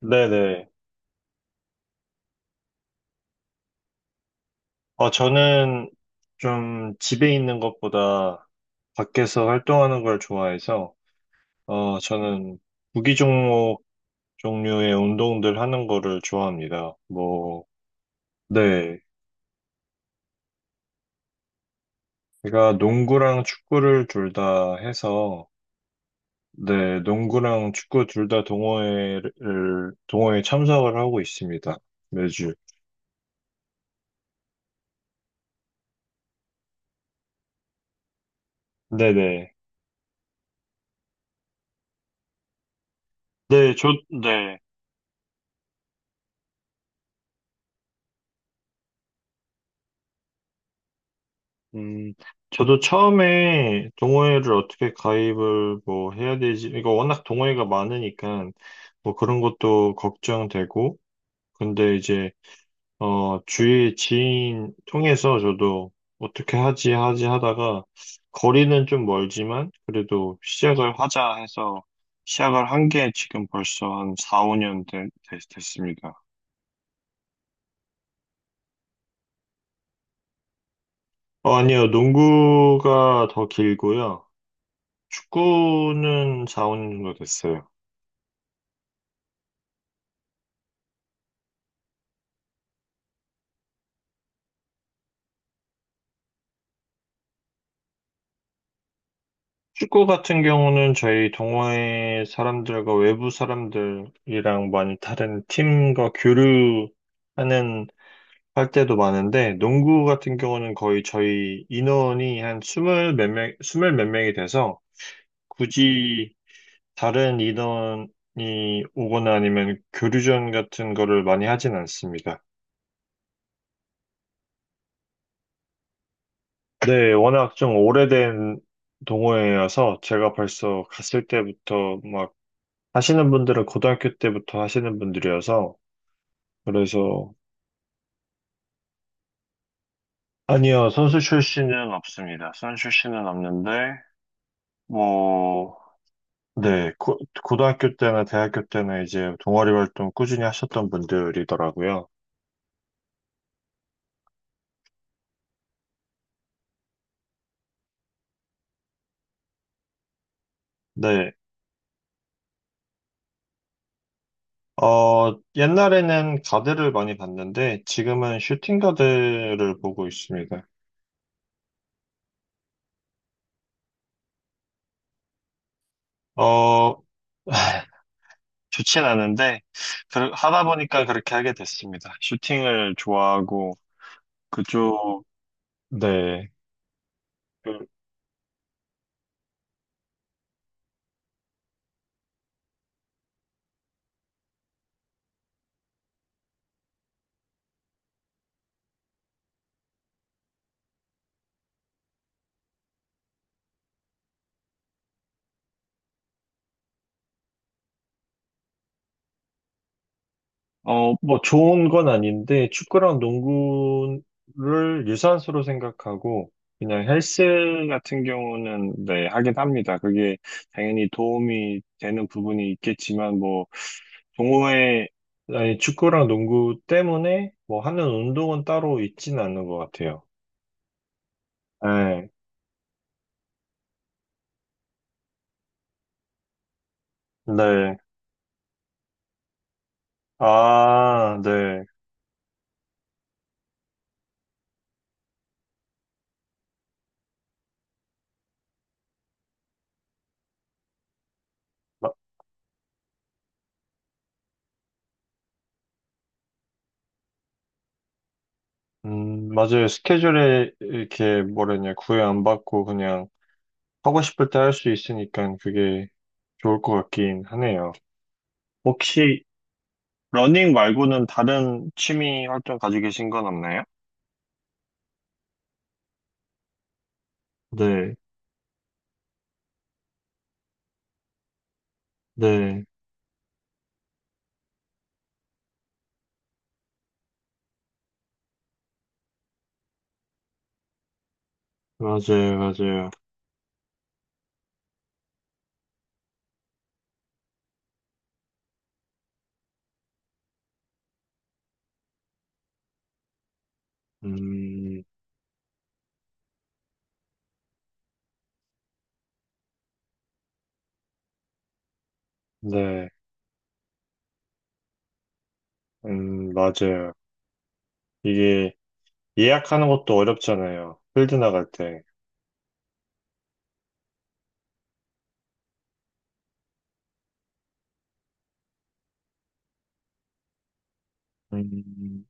네네. 저는 좀 집에 있는 것보다 밖에서 활동하는 걸 좋아해서, 저는 구기 종목 종류의 운동들 하는 거를 좋아합니다. 뭐, 네. 제가 농구랑 축구를 둘 다 해서, 네, 농구랑 축구 둘 다 동호회에 참석을 하고 있습니다. 매주. 네네. 네, 저, 네. 음, 저도 처음에 동호회를 어떻게 가입을 뭐 해야 되지? 이거 워낙 동호회가 많으니까 뭐 그런 것도 걱정되고, 근데 이제, 주위 지인 통해서 저도 어떻게 하지, 하지 하다가 거리는 좀 멀지만 그래도 시작을 하자 해서 시작을 한 게 지금 벌써 한 4, 5년 됐습니다. 아니요. 농구가 더 길고요. 축구는 4, 5년 정도 됐어요. 축구 같은 경우는 저희 동호회 사람들과 외부 사람들이랑 많이 다른 팀과 교류하는 할 때도 많은데, 농구 같은 경우는 거의 저희 인원이 한 스물 몇 명, 스물 몇 명이 돼서 굳이 다른 인원이 오거나 아니면 교류전 같은 거를 많이 하진 않습니다. 네, 워낙 좀 오래된 동호회여서 제가 벌써 갔을 때부터 하시는 분들은 고등학교 때부터 하시는 분들이어서, 그래서, 아니요, 선수 출신은 없습니다. 선수 출신은 없는데, 뭐, 네, 고등학교 때나 대학교 때나 이제 동아리 활동 꾸준히 하셨던 분들이더라고요. 네, 옛날에는 가드를 많이 봤는데, 지금은 슈팅 가드를 보고 있습니다. 어, 좋진 않은데, 하다 보니까 그렇게 하게 됐습니다. 슈팅을 좋아하고, 그쪽, 네. 그 뭐 좋은 건 아닌데 축구랑 농구를 유산소로 생각하고 그냥 헬스 같은 경우는 네, 하긴 합니다. 그게 당연히 도움이 되는 부분이 있겠지만 뭐 동호회 아니, 축구랑 농구 때문에 뭐 하는 운동은 따로 있지는 않는 것 같아요. 네, 네. 아, 네. 마- 맞아요. 스케줄에 이렇게 뭐라냐, 구애 안 받고 그냥 하고 싶을 때 할 수 있으니까 그게 좋을 것 같긴 하네요. 혹시 러닝 말고는 다른 취미 활동 가지고 계신 건 없나요? 네, 네, 맞아요, 맞아요. 음, 네, 맞아요. 이게 예약하는 것도 어렵잖아요. 필드 나갈 때. 음,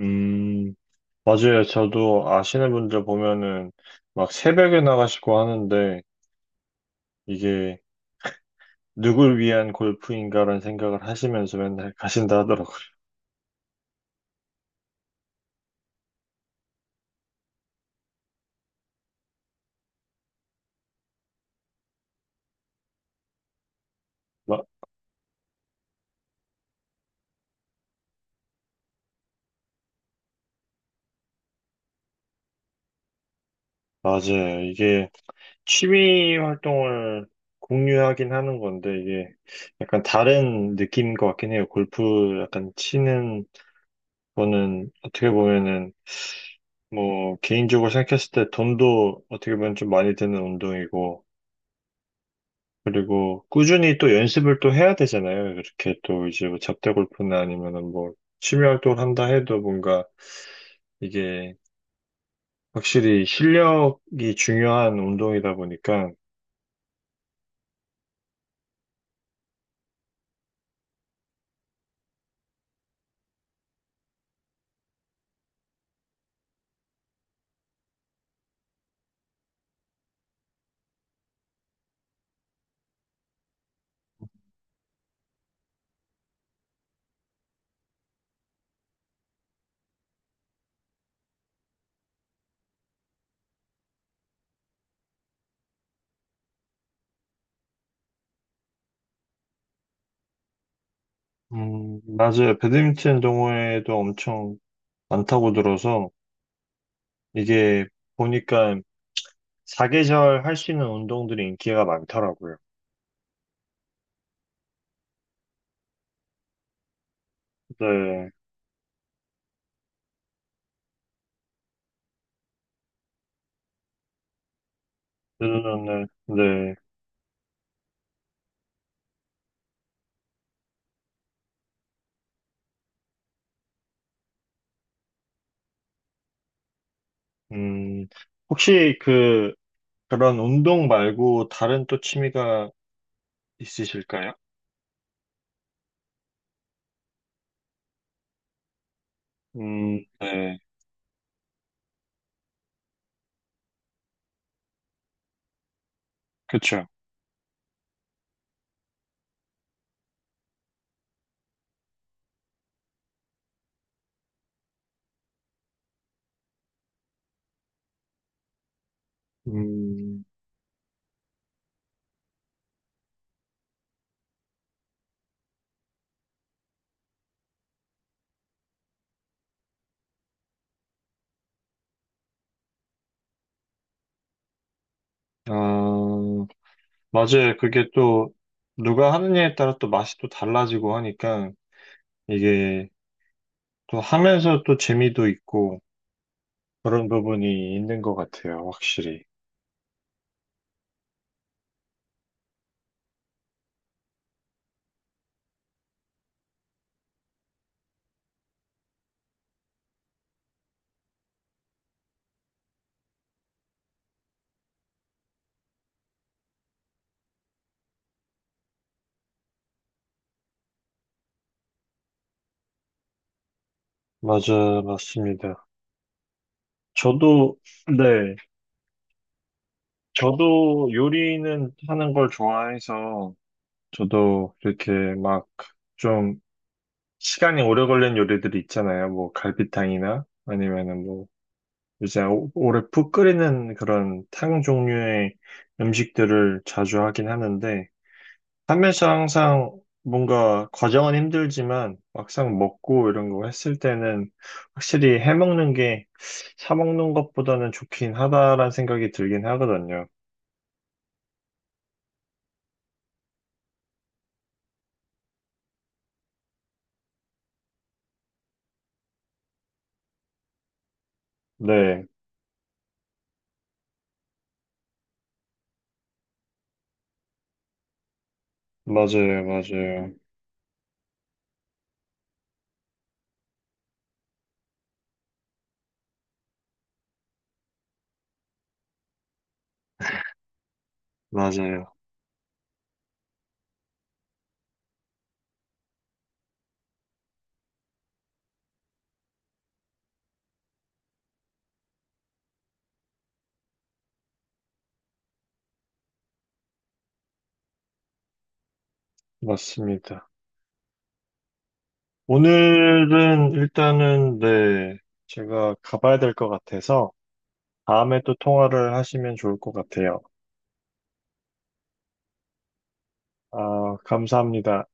음, 맞아요. 저도 아시는 분들 보면은 막 새벽에 나가시고 하는데 이게 누굴 위한 골프인가라는 생각을 하시면서 맨날 가신다 하더라고요. 마- 맞아요. 이게 취미 활동을 공유하긴 하는 건데, 이게 약간 다른 느낌인 것 같긴 해요. 골프 약간 치는 거는 어떻게 보면은, 뭐, 개인적으로 생각했을 때 돈도 어떻게 보면 좀 많이 드는 운동이고, 그리고 꾸준히 또 연습을 또 해야 되잖아요. 이렇게 또 이제 뭐 잡대 골프나 아니면은 뭐, 취미 활동을 한다 해도 뭔가 이게 확실히 실력이 중요한 운동이다 보니까, 맞아요. 배드민턴 동호회도 엄청 많다고 들어서 이게 보니까 사계절 할 수 있는 운동들이 인기가 많더라고요. 네, 네, 네, 네. 음, 혹시 그 그런 운동 말고 다른 또 취미가 있으실까요? 네, 그렇죠. 음, 아, 맞아요. 그게 또 누가 하느냐에 따라 또 맛이 또 달라지고 하니까 이게 또 하면서 또 재미도 있고. 그런 부분이 있는 것 같아요, 확실히. 맞아, 맞습니다. 저도, 네, 저도 요리는 하는 걸 좋아해서, 저도 이렇게 막 좀 시간이 오래 걸리는 요리들이 있잖아요. 뭐 갈비탕이나 아니면은 뭐 이제 오래 푹 끓이는 그런 탕 종류의 음식들을 자주 하긴 하는데, 판매시 항상 뭔가 과정은 힘들지만 막상 먹고 이런 거 했을 때는 확실히 해먹는 게 사먹는 것보다는 좋긴 하다라는 생각이 들긴 하거든요. 네, 맞아요, 맞아요, 맞아요. 맞습니다. 오늘은 일단은 네, 제가 가봐야 될 것 같아서 다음에 또 통화를 하시면 좋을 것 같아요. 아, 감사합니다.